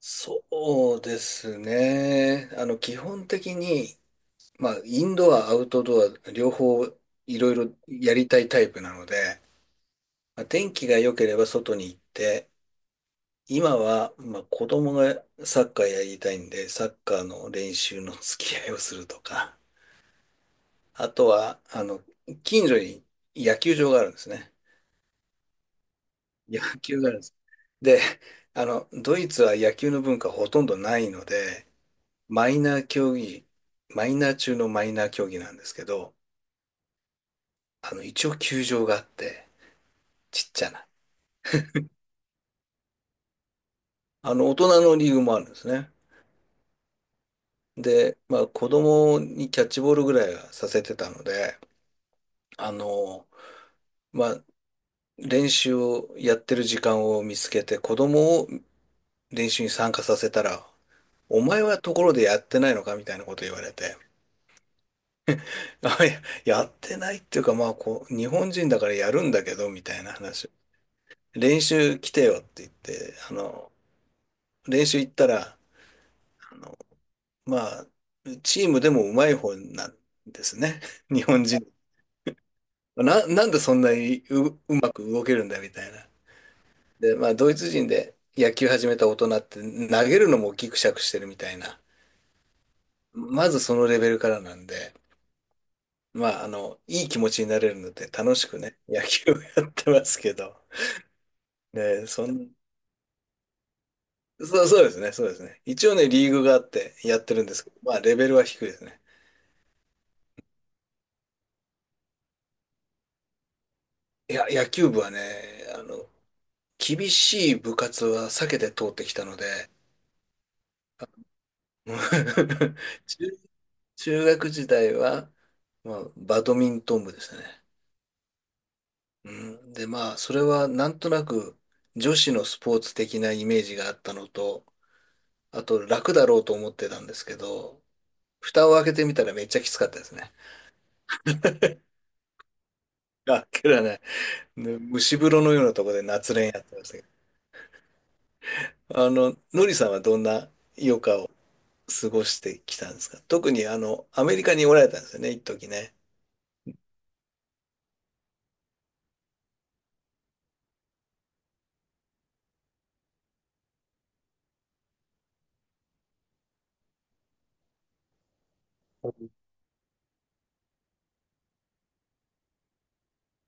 そうですね。基本的に、まあ、インドア、アウトドア、両方いろいろやりたいタイプなので、まあ、天気が良ければ外に行って、今は、まあ、子供がサッカーやりたいんで、サッカーの練習の付き合いをするとか、あとは、近所に野球場があるんですね。野球があるんです。で、ドイツは野球の文化ほとんどないので、マイナー競技、マイナー中のマイナー競技なんですけど、一応球場があって、ちっちゃな。大人のリーグもあるんですね。で、まあ、子供にキャッチボールぐらいはさせてたので、あの、まあ、練習をやってる時間を見つけて、子供を練習に参加させたら、お前はところでやってないのかみたいなこと言われて、あいや、やってないっていうか、まあ、こう、日本人だからやるんだけど、みたいな話。練習来てよって言って、練習行ったら、あの、まあ、チームでもうまい方なんですね。日本人。なんでそんなにうまく動けるんだみたいな。で、まあ、ドイツ人で野球始めた大人って投げるのもギクシャクしてるみたいな。まずそのレベルからなんで、まあ、いい気持ちになれるので楽しくね、野球をやってますけど。ね、そう、そうですね、そうですね。一応ね、リーグがあってやってるんですけど、まあ、レベルは低いですね。いや、野球部はね、あの、厳しい部活は避けて通ってきたので、うん。 中、中学時代は、まあ、バドミントン部でしたね。うん、で、まあ、それはなんとなく女子のスポーツ的なイメージがあったのと、あと楽だろうと思ってたんですけど、蓋を開けてみたらめっちゃきつかったですね。あっけらね、ね蒸し風呂のようなところで夏練やってましたけど。のりさんはどんな余暇を過ごしてきたんですか？特にアメリカにおられたんですよね、一時ね。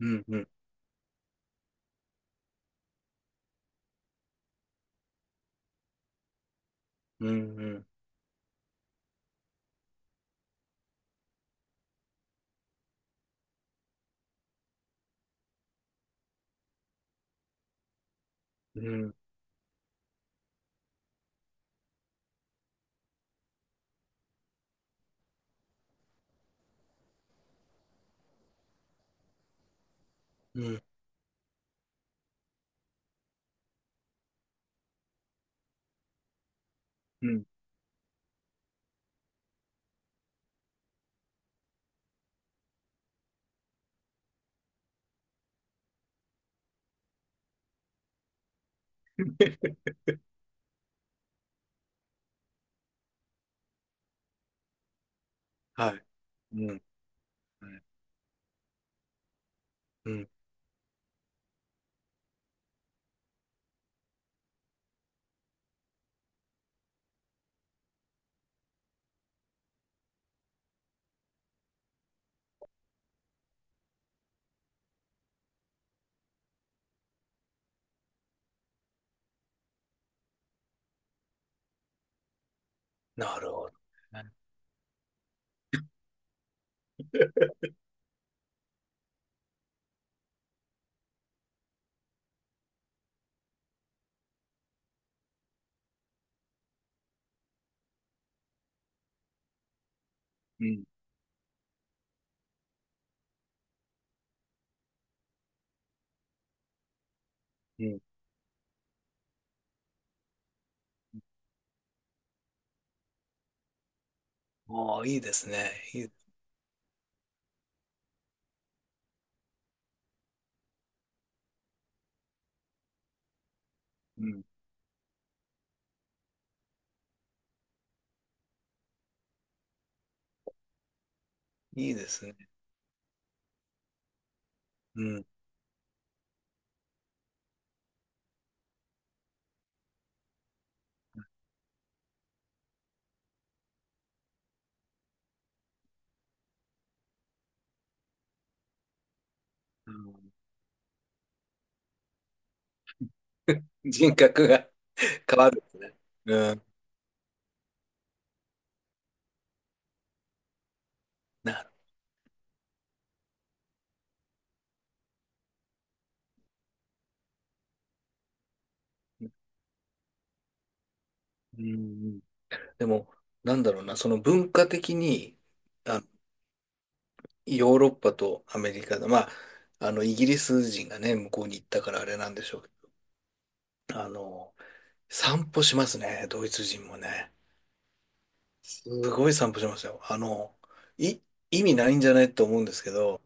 うん、うん、うん、うん、うん、うん、うん。はい。うん、はい、うん、なるほど。うん、うん、ああ、いいですね。いい、うん、いいですね。うん、あの人格が 変わるんですね。うん。なるうん、うん、でも、なんだろうな、その文化的に、あの、ヨーロッパとアメリカで、まあ、イギリス人がね、向こうに行ったからあれなんでしょうけど、散歩しますね、ドイツ人もね。すごい散歩しますよ。い、意味ないんじゃないと思うんですけど、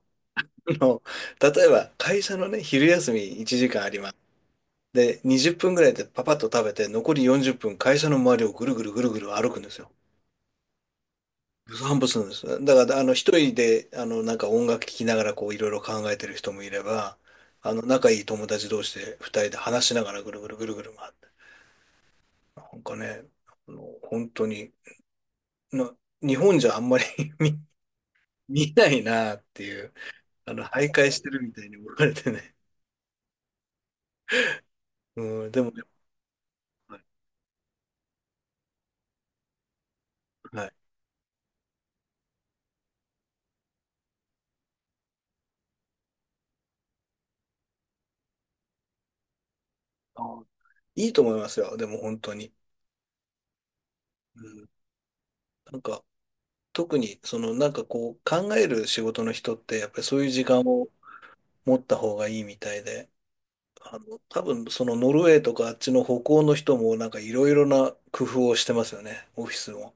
あの、例えば会社のね、昼休み1時間あります。で、20分ぐらいでパパッと食べて、残り40分会社の周りをぐるぐるぐるぐる歩くんですよ。散歩するんです。だから、一人で、なんか音楽聴きながら、こう、いろいろ考えてる人もいれば、仲いい友達同士で、二人で話しながら、ぐるぐるぐるぐる回って。なんかね、本当に、な、日本じゃあんまり 見、見ないなっていう、徘徊してるみたいに思われてね。うん、でもね、はい。はい、あー、いいと思いますよ。でも本当に。うん、なんか、特に、その、なんかこう、考える仕事の人って、やっぱりそういう時間を持った方がいいみたいで、多分そのノルウェーとかあっちの北欧の人もなんかいろいろな工夫をしてますよね、オフィスも。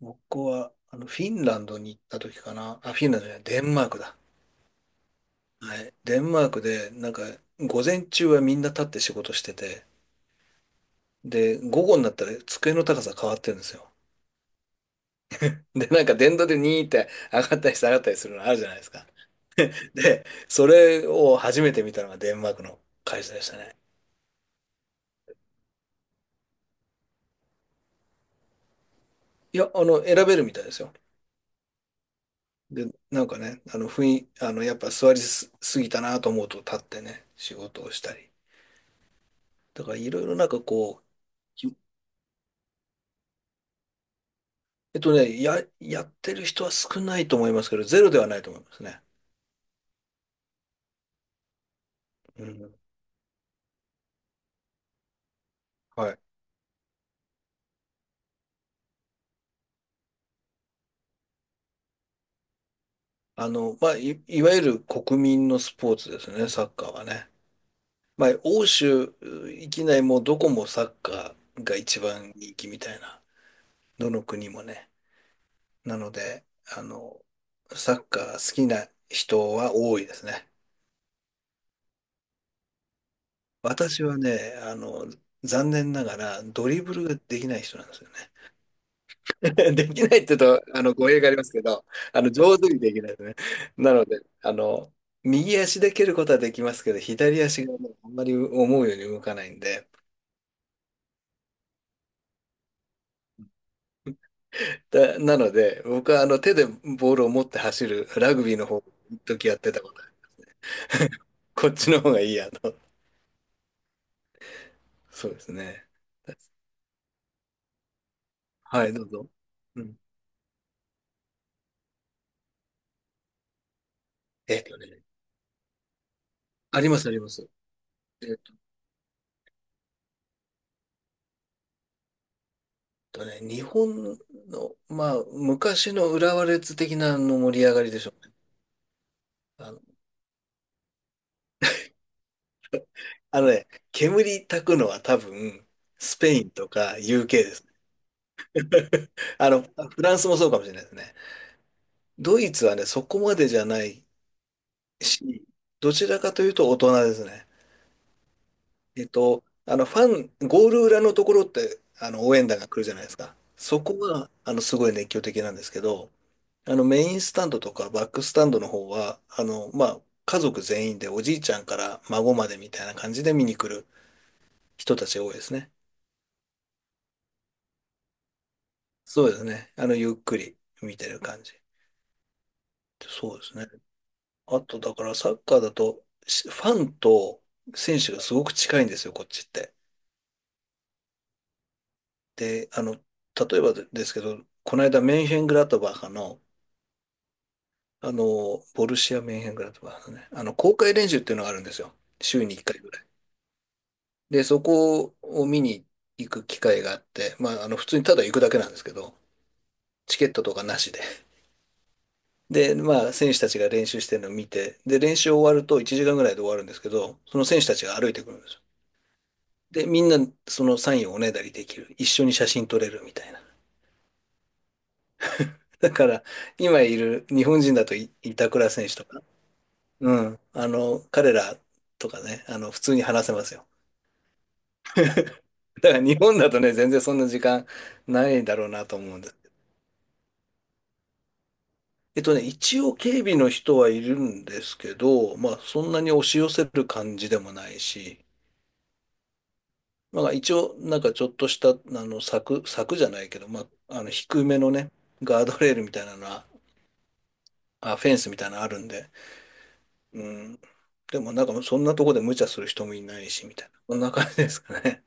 僕はあのフィンランドに行った時かな。あ、フィンランドじゃない、デンマークだ。はい。デンマークでなんか午前中はみんな立って仕事してて、で、午後になったら机の高さ変わってるんですよ。で、なんか電動でニーって上がったり下がったりするのあるじゃないですか。で、それを初めて見たのがデンマークの会社でしたね。いや、選べるみたいですよ。で、なんかね、あの、雰囲、あの、やっぱ座りすぎたなと思うと立ってね、仕事をしたり。だからいろいろなんかこう、きえっとね、や、やってる人は少ないと思いますけど、ゼロではないと思いますね。うん。はい。まあ、いわゆる国民のスポーツですね、サッカーはね。まあ、欧州域内もどこもサッカーが一番人気みたいな、どの国もね。なので、あの、サッカー好きな人は多いですね。私はね、残念ながらドリブルができない人なんですよね。できないって言うと、語弊がありますけど、上手にできないですね。なので、右足で蹴ることはできますけど、左足がもうあんまり思うように動かないんで、なので、僕はあの、手でボールを持って走るラグビーの方、一時やってたことある、こっちの方がいいやと。そうですね。はい、どうぞ。うん。えっとね、あります、あります。えっとね、日本の、まあ、昔の浦和レッズ的なの盛り上がりでしょうね。あの、あのね、煙たくのは多分、スペインとか UK です。フランスもそうかもしれないですね。ドイツはね、そこまでじゃないし、どちらかというと大人ですね。えっと、あの、ファン、ゴール裏のところって、応援団が来るじゃないですか。そこは、すごい熱狂的なんですけど、メインスタンドとかバックスタンドの方は、まあ、家族全員でおじいちゃんから孫までみたいな感じで見に来る人たちが多いですね。そうですね。ゆっくり見てる感じ。そうですね。あと、だからサッカーだと、ファンと選手がすごく近いんですよ、こっちって。で、例えばでですけど、この間、メンヘングラトバカハの、ボルシア・メンヘングラトバカハのね、公開練習っていうのがあるんですよ。週に1回ぐらい。で、そこを見に行く機会があって、まあ、普通にただ行くだけなんですけど、チケットとかなしで。で、まあ、選手たちが練習してるのを見て、で、練習終わると1時間ぐらいで終わるんですけど、その選手たちが歩いてくるんですよ。で、みんなそのサインをおねだりできる。一緒に写真撮れるみたいな。だから、今いる日本人だと板倉選手とか、うん、彼らとかね、普通に話せますよ。だから日本だとね、全然そんな時間ないだろうなと思うんです。えっとね、一応警備の人はいるんですけど、まあそんなに押し寄せる感じでもないし、まあ一応なんかちょっとした柵、柵じゃないけど、まあ低めのね、ガードレールみたいなのは、あ、フェンスみたいなのあるんで、うん。でもなんかそんなとこで無茶する人もいないし、みたいな、そんな感じですかね。